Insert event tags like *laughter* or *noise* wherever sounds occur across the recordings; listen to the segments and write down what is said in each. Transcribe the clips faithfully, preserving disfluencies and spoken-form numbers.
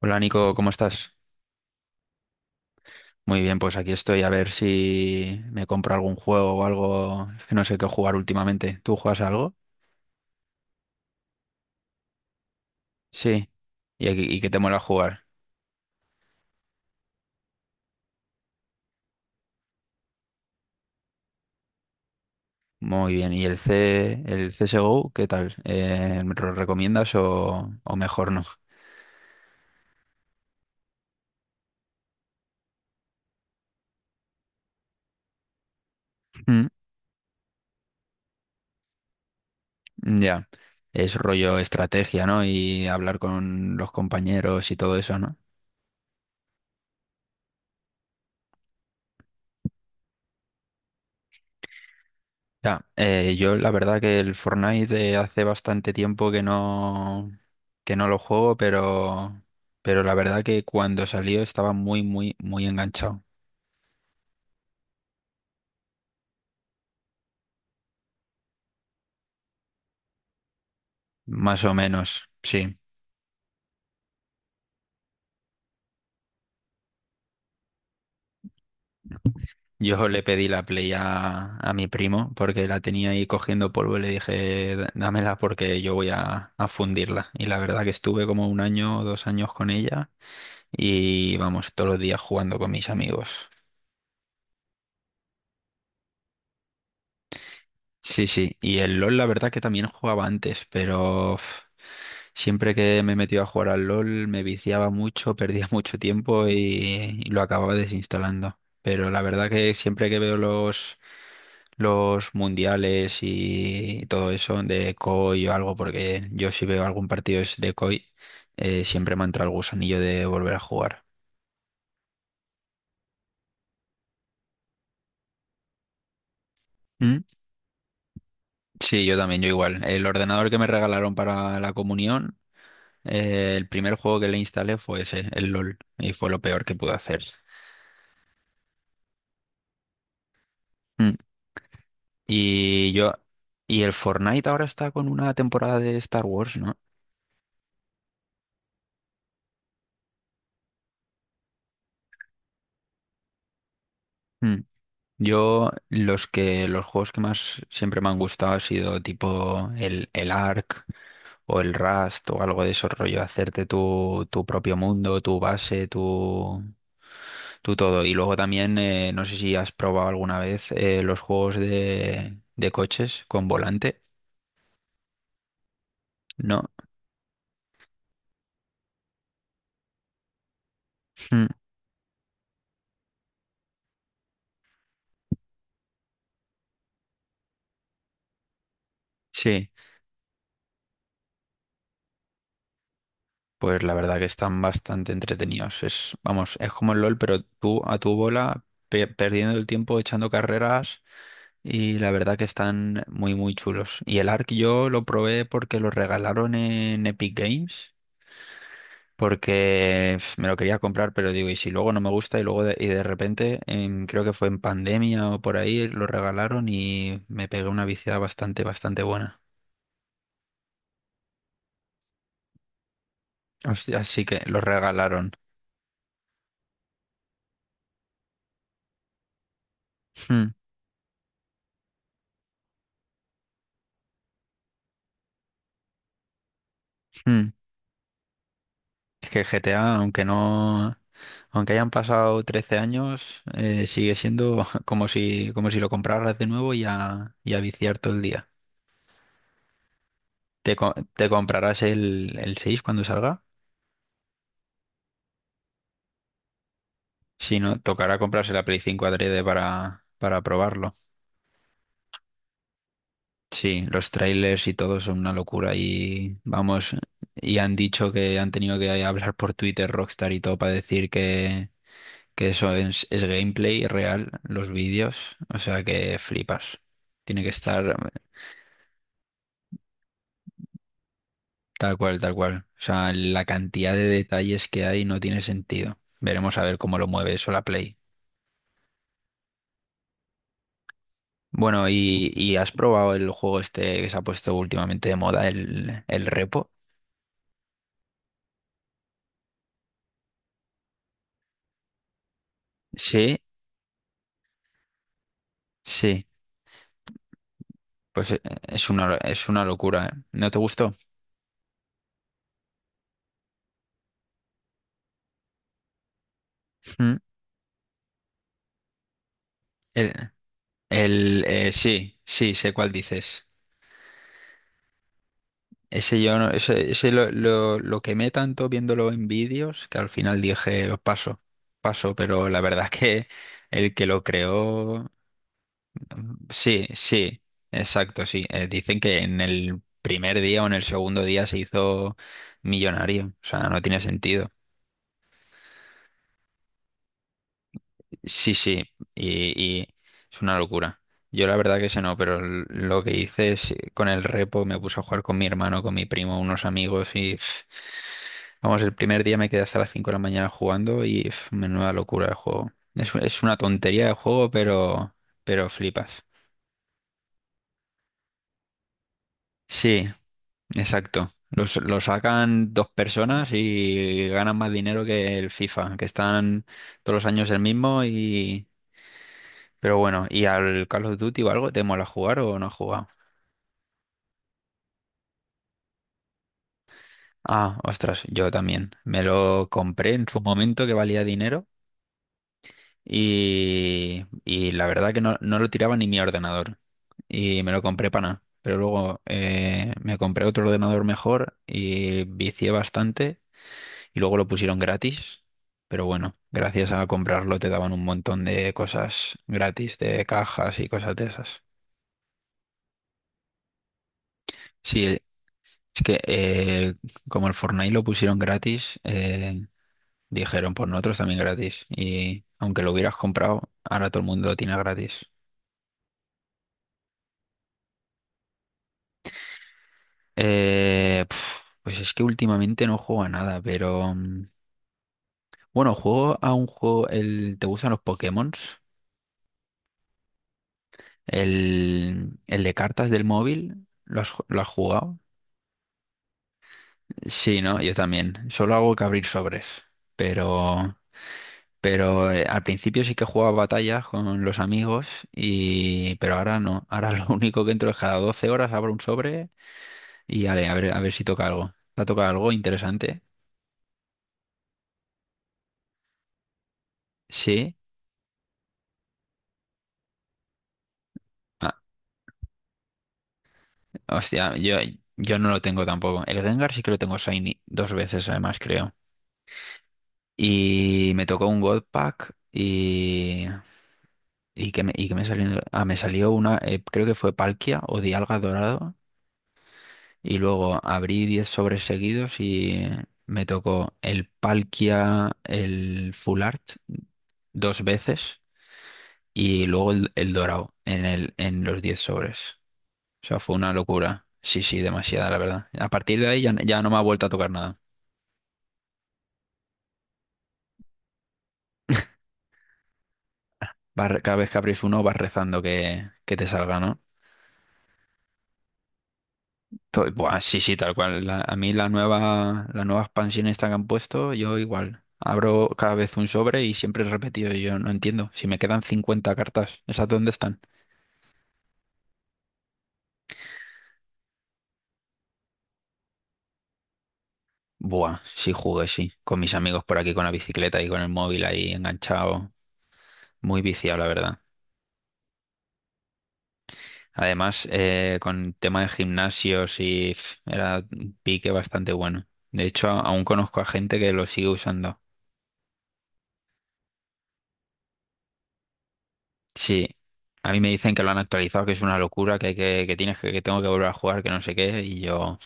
Hola Nico, ¿cómo estás? Muy bien, pues aquí estoy a ver si me compro algún juego o algo. Es que no sé qué jugar últimamente. ¿Tú juegas a algo? Sí. ¿Y, aquí- y qué te mola jugar? Muy bien. ¿Y el C, el C S G O, qué tal? Eh, ¿me lo recomiendas o, o mejor no? *laughs* Mm, ya. Es rollo estrategia, ¿no? Y hablar con los compañeros y todo eso, ¿no? Ya, eh, yo la verdad que el Fortnite eh, hace bastante tiempo que no, que no lo juego, pero, pero la verdad que cuando salió estaba muy, muy, muy enganchado. Más o menos, sí. Yo le pedí la Play a, a mi primo porque la tenía ahí cogiendo polvo y le dije, "Dá- dámela porque yo voy a, a fundirla." Y la verdad que estuve como un año o dos años con ella y vamos, todos los días jugando con mis amigos. Sí, sí. Y el LOL, la verdad que también jugaba antes, pero uf, siempre que me metía a jugar al LOL me viciaba mucho, perdía *laughs* mucho tiempo y, y lo acababa desinstalando. Pero la verdad que siempre que veo los, los mundiales y todo eso de C O I o algo, porque yo si veo algún partido es de C O I, eh, siempre me entra el gusanillo de volver a jugar. ¿Mm? Sí, yo también, yo igual. El ordenador que me regalaron para la comunión, Eh, el primer juego que le instalé fue ese, el LOL, y fue lo peor que pude hacer. Mm. Y yo, y el Fortnite ahora está con una temporada de Star Wars, ¿no? Mm. Yo los que los juegos que más siempre me han gustado ha sido tipo el, el Ark o el Rust o algo de esos rollo, hacerte tu, tu propio mundo, tu base, tu, tu todo. Y luego también, eh, no sé si has probado alguna vez eh, los juegos de, de coches con volante, ¿no? Mm. Sí, pues la verdad que están bastante entretenidos. Es, vamos, es como el LOL, pero tú a tu bola, pe- perdiendo el tiempo, echando carreras, y la verdad que están muy, muy chulos. Y el Ark yo lo probé porque lo regalaron en Epic Games, porque pf, me lo quería comprar, pero digo, y si luego no me gusta, y luego de, y de repente, en- creo que fue en pandemia o por ahí, lo regalaron y me pegué una viciada bastante, bastante buena. Así así que lo regalaron. Hmm, hmm. Es que el G T A, aunque no, aunque hayan pasado trece años, eh, sigue siendo *laughs* como si, como si lo compraras de nuevo y a, y a viciar todo el día. ¿Te, co- te comprarás el, el seis cuando salga? Si no, tocará comprarse la Play cinco adrede para, para probarlo. Sí, los trailers y todo son una locura y vamos, y han dicho que han tenido que hablar por Twitter Rockstar y todo para decir que que eso es, es gameplay real, los vídeos, o sea que flipas. Tiene que estar tal cual, tal cual. O sea, la cantidad de detalles que hay no tiene sentido. Veremos a ver cómo lo mueve eso la Play. Bueno, ¿y, ¿y has probado el juego este que se ha puesto últimamente de moda, el, el Repo? Sí, sí. Pues eh, es una, es una locura. ¿Eh? ¿No te gustó? Mm. El, el, eh, sí, sí, sé cuál dices. Ese yo no, ese, ese lo, lo, lo quemé tanto viéndolo en vídeos que al final dije, "Os paso, paso, pero la verdad es que el que lo creó," mm, sí, sí, exacto, sí. Eh, dicen que en el primer día o en el segundo día se hizo millonario, o sea, no tiene sentido. Sí, sí, y, y es una locura. Yo la verdad que sé no, pero l- lo que hice es, eh, con el repo me puse a jugar con mi hermano, con mi primo, unos amigos y... pf, vamos, el primer día me quedé hasta las cinco de la mañana jugando y pf, menuda locura de juego. Es, es una tontería de juego, pero, pero flipas. Sí, exacto. Los- Lo sacan dos personas y ganan más dinero que el FIFA, que están todos los años el mismo y... Pero bueno, ¿y al Call of Duty o algo te mola jugar o no has jugado? Ah, ostras, yo también. Me lo compré en su momento que valía dinero. Y, y la verdad que no, no lo tiraba ni mi ordenador. Y me lo compré para nada. Pero luego eh, me compré otro ordenador mejor y vicié bastante. Y luego lo pusieron gratis. Pero bueno, gracias a comprarlo te daban un montón de cosas gratis, de cajas y cosas de esas. Sí, eh, es que eh, como el Fortnite lo pusieron gratis, eh, dijeron, pues nosotros también gratis. Y aunque lo hubieras comprado, ahora todo el mundo lo tiene gratis. Eh, pf, pues es que últimamente no juego a nada, pero mm, bueno, juego a un juego, el, ¿te gustan los Pokémon? El, el de cartas del móvil, ¿lo has, ju- lo has jugado? Sí, ¿no? Yo también. Solo hago que abrir sobres, pero, pero eh, al principio sí que jugaba batallas con los amigos y, pero ahora no. Ahora *laughs* lo único que entro es cada doce horas abro un sobre y ale, a ver, a ver si toca algo. ¿Te ha tocado algo interesante? Sí. Hostia, yo, yo no lo tengo tampoco. El Rengar sí que lo tengo Shiny dos veces además, creo. Y me tocó un God Pack y... ¿Y que me, y que me salió? Ah, me salió una, eh, creo que fue Palkia o Dialga Dorado. Y luego abrí diez sobres seguidos y me tocó el Palkia, el Full Art dos veces y luego el, el Dorado en, el, en los diez sobres. O sea, fue una locura. Sí, sí, demasiada, la verdad. A partir de ahí ya ya no me ha vuelto a tocar nada. Vas re- cada vez que abrís uno vas rezando que, que te salga, ¿no? To- buah, sí, sí, tal cual. La- a mí la nueva, la nueva expansión esta que han puesto, yo igual. Abro cada vez un sobre y siempre he repetido. Y yo no entiendo. Si me quedan cincuenta cartas, ¿esas dónde están? Buah, sí jugué, sí. Con mis amigos por aquí con la bicicleta y con el móvil ahí enganchado. Muy viciado, la verdad. Además, eh, con tema de gimnasios y pf, era un pique bastante bueno. De hecho, a- aún conozco a gente que lo sigue usando. Sí, a mí me dicen que lo han actualizado, que es una locura, que, hay que, que tienes que, que tengo que volver a jugar, que no sé qué, y yo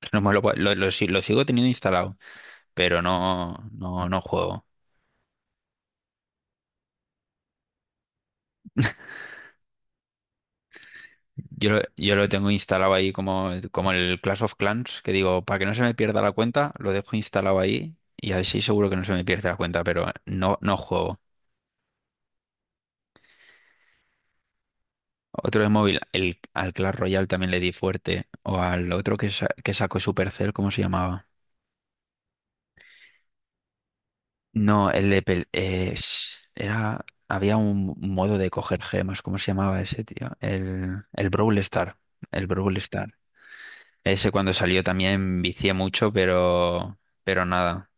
*laughs* no me lo, puedo- lo, lo si- lo sigo teniendo instalado, pero no, no, no juego. Yo lo, yo lo tengo instalado ahí como, como el Clash of Clans, que digo, para que no se me pierda la cuenta, lo dejo instalado ahí y así seguro que no se me pierde la cuenta, pero no, no juego. Otro de móvil, el, al Clash Royale también le di fuerte, o al otro que, sa- que sacó Supercell, ¿cómo se llamaba? No, el de pel- eh, sh- era había un modo de coger gemas, ¿cómo se llamaba ese, tío? El el Brawl Star, el Brawl Star. Ese cuando salió también vicié mucho, pero pero nada.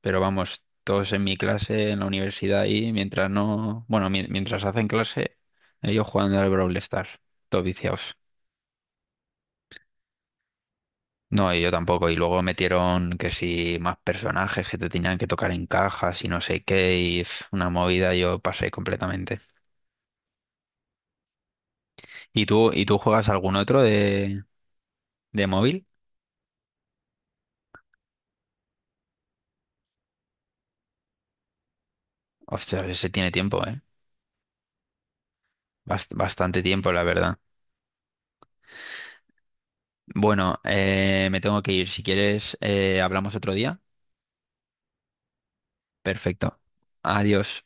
Pero vamos, todos en mi clase, en la universidad y mientras no, bueno, mi- mientras hacen clase, ellos jugando al Brawl Stars, todos viciados. No, y yo tampoco. Y luego metieron que si más personajes que te tenían que tocar en cajas y no sé qué, y pf, una movida yo pasé completamente. ¿Y tú, ¿y tú juegas algún otro de, de móvil? Hostia, ese tiene tiempo, ¿eh? Bast- bastante tiempo, la verdad. Bueno, eh, me tengo que ir. Si quieres, eh, hablamos otro día. Perfecto. Adiós.